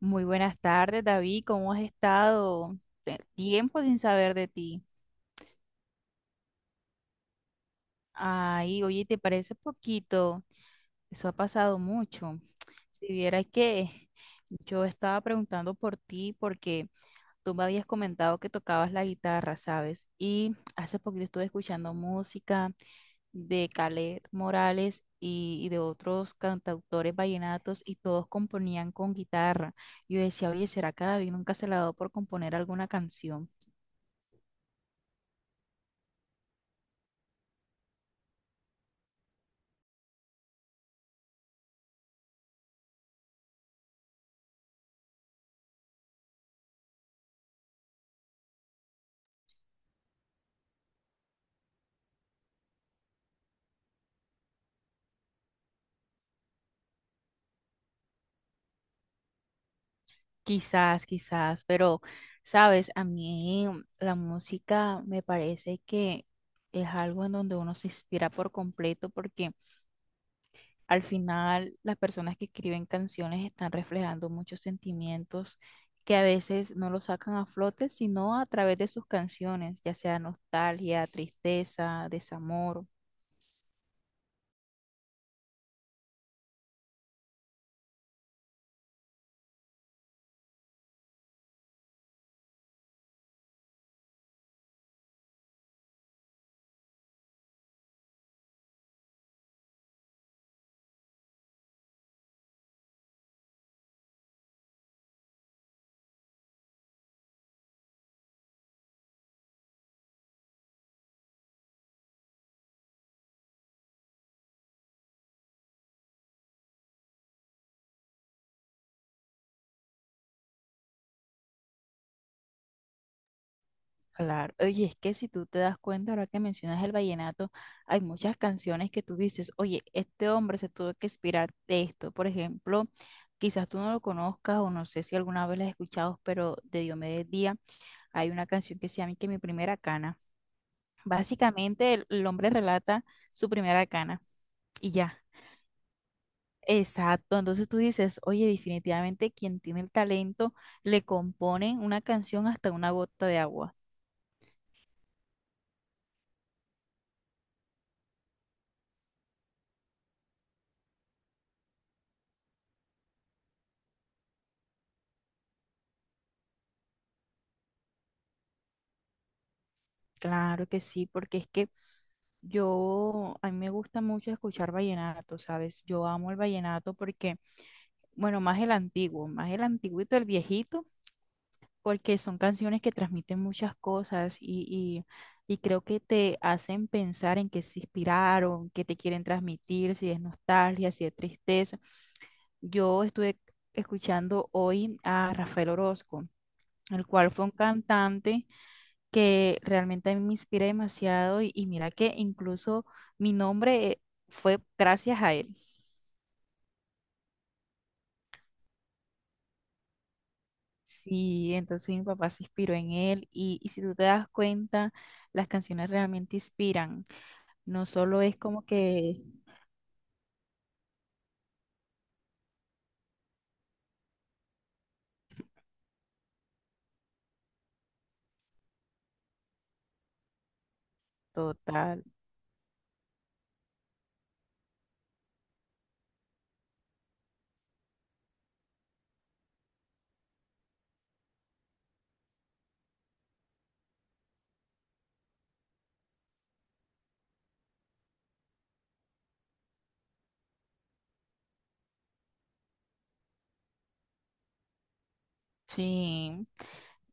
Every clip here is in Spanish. Muy buenas tardes, David. ¿Cómo has estado? Tiempo sin saber de ti. Ay, oye, ¿te parece poquito? Eso ha pasado mucho. Si vieras que yo estaba preguntando por ti porque tú me habías comentado que tocabas la guitarra, ¿sabes? Y hace poquito estuve escuchando música de Calet Morales y de otros cantautores vallenatos y todos componían con guitarra. Yo decía, oye, ¿será que a David nunca se le ha dado por componer alguna canción? Quizás, quizás, pero sabes, a mí la música me parece que es algo en donde uno se inspira por completo porque al final las personas que escriben canciones están reflejando muchos sentimientos que a veces no los sacan a flote, sino a través de sus canciones, ya sea nostalgia, tristeza, desamor. Claro, oye, es que si tú te das cuenta, ahora que mencionas el vallenato, hay muchas canciones que tú dices, oye, este hombre se tuvo que inspirar de esto. Por ejemplo, quizás tú no lo conozcas o no sé si alguna vez la has escuchado, pero de Diomedes Díaz hay una canción que se llama que mi primera cana. Básicamente, el hombre relata su primera cana y ya. Exacto, entonces tú dices, oye, definitivamente quien tiene el talento le compone una canción hasta una gota de agua. Claro que sí, porque es que yo, a mí me gusta mucho escuchar vallenato, ¿sabes? Yo amo el vallenato porque, bueno, más el antiguo, más el antiguito, el viejito, porque son canciones que transmiten muchas cosas y creo que te hacen pensar en qué se inspiraron, qué te quieren transmitir, si es nostalgia, si es tristeza. Yo estuve escuchando hoy a Rafael Orozco, el cual fue un cantante que realmente a mí me inspira demasiado y mira que incluso mi nombre fue gracias a él. Sí, entonces mi papá se inspiró en él y si tú te das cuenta, las canciones realmente inspiran. No solo es como que total, sí.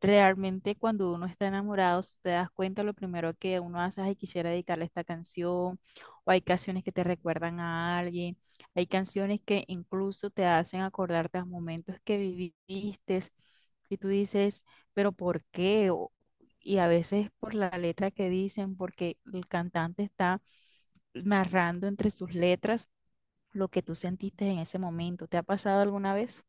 Realmente cuando uno está enamorado, si te das cuenta, lo primero que uno hace es "Ay, quisiera dedicarle esta canción, o hay canciones que te recuerdan a alguien, hay canciones que incluso te hacen acordarte a momentos que viviste y tú dices, pero ¿por qué? Y a veces por la letra que dicen, porque el cantante está narrando entre sus letras lo que tú sentiste en ese momento. ¿Te ha pasado alguna vez?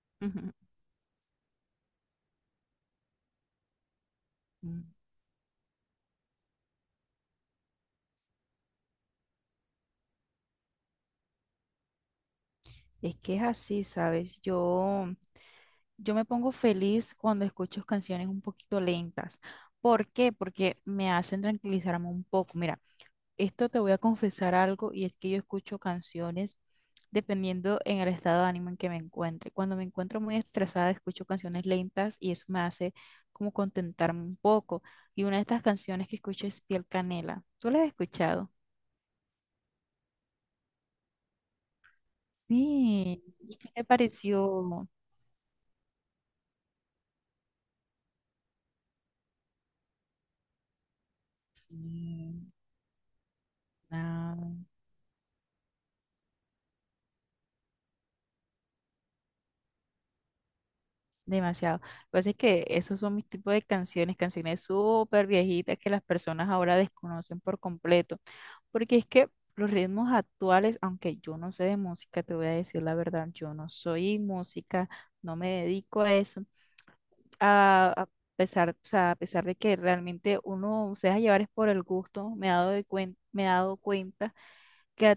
Ujú. Mm. Es que es así, ¿sabes? Yo me pongo feliz cuando escucho canciones un poquito lentas. ¿Por qué? Porque me hacen tranquilizarme un poco. Mira, esto te voy a confesar algo y es que yo escucho canciones dependiendo en el estado de ánimo en que me encuentre. Cuando me encuentro muy estresada, escucho canciones lentas y eso me hace como contentarme un poco. Y una de estas canciones que escucho es Piel Canela. ¿Tú la has escuchado? Sí. ¿Y qué te pareció? Sí, nada. Demasiado. Lo que pasa es que esos son mis tipos de canciones, canciones súper viejitas que las personas ahora desconocen por completo. Porque es que los ritmos actuales, aunque yo no sé de música, te voy a decir la verdad, yo no soy música, no me dedico a eso. A pesar, o sea, a pesar de que realmente uno se deja llevar es por el gusto, me he dado cuenta que,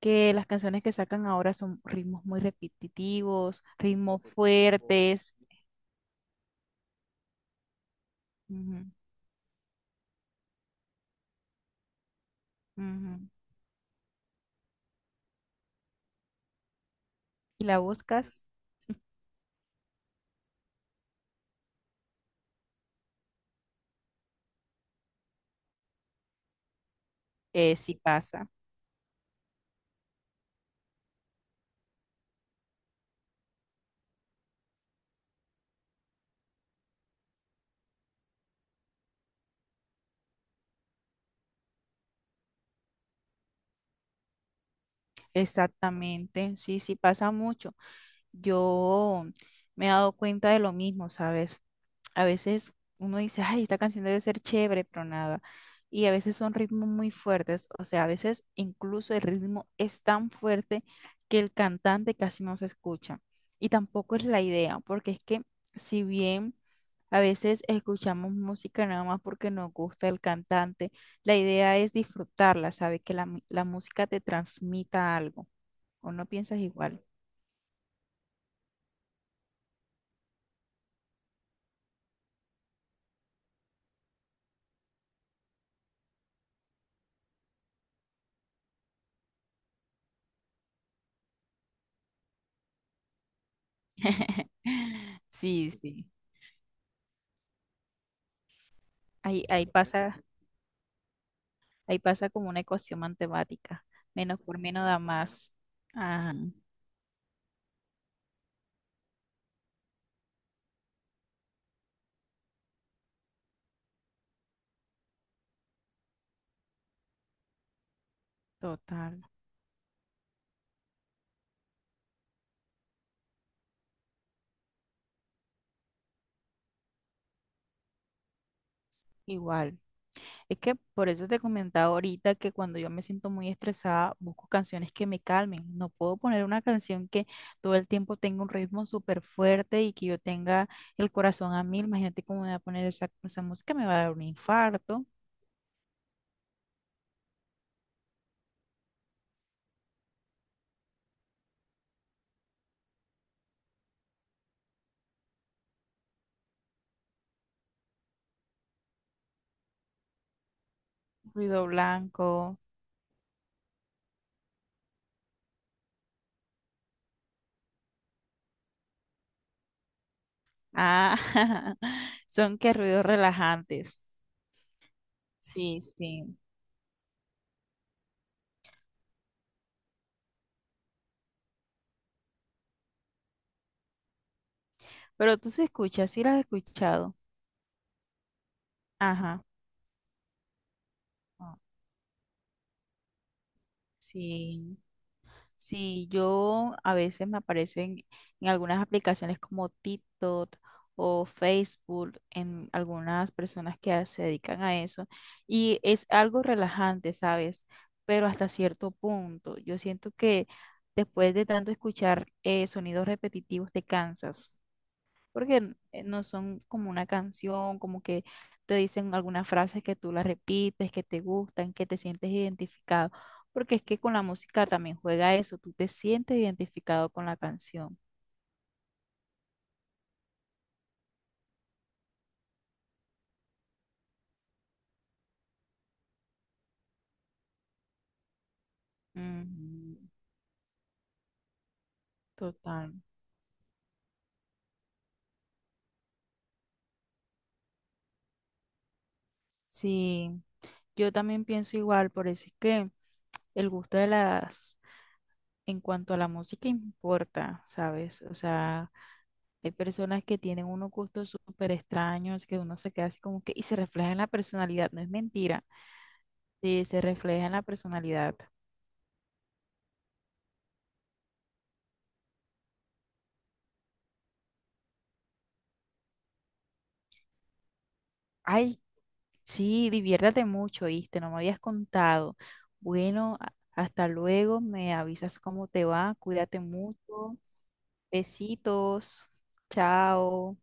que las canciones que sacan ahora son ritmos muy repetitivos, ritmos fuertes. Ujú. Y la buscas, sí pasa, exactamente, sí, sí pasa mucho. Yo me he dado cuenta de lo mismo, ¿sabes? A veces uno dice, ay, esta canción debe ser chévere, pero nada. Y a veces son ritmos muy fuertes, o sea, a veces incluso el ritmo es tan fuerte que el cantante casi no se escucha. Y tampoco es la idea, porque es que si bien a veces escuchamos música nada más porque nos gusta el cantante, la idea es disfrutarla, ¿sabes? Que la música te transmita algo. ¿O no piensas igual? Sí, sí. Ahí pasa. Ahí pasa como una ecuación matemática. Menos por menos da más. Ajá, total. Igual. Es que por eso te comentaba ahorita que cuando yo me siento muy estresada, busco canciones que me calmen. No puedo poner una canción que todo el tiempo tenga un ritmo súper fuerte y que yo tenga el corazón a mil. Imagínate cómo me va a poner esa, esa música, me va a dar un infarto. Ruido blanco. Ah, son que ruidos relajantes. Sí, sí. Pero tú sí escuchas, sí las has escuchado. Ajá. Ah, sí, sí, yo a veces me aparecen en algunas aplicaciones como TikTok o Facebook, en algunas personas que se dedican a eso, y es algo relajante, ¿sabes? Pero hasta cierto punto, yo siento que después de tanto escuchar sonidos repetitivos te cansas. Porque no son como una canción, como que te dicen algunas frases que tú las repites, que te gustan, que te sientes identificado, porque es que con la música también juega eso, tú te sientes identificado con la canción. Ujú, total. Sí, yo también pienso igual, por eso es que el gusto de las, en cuanto a la música importa, ¿sabes? O sea, hay personas que tienen unos gustos súper extraños, que uno se queda así como que, y se refleja en la personalidad, no es mentira. Sí, se refleja en la personalidad. Ay, sí, diviértete mucho, ¿viste? No me habías contado. Bueno, hasta luego, me avisas cómo te va, cuídate mucho. Besitos, chao.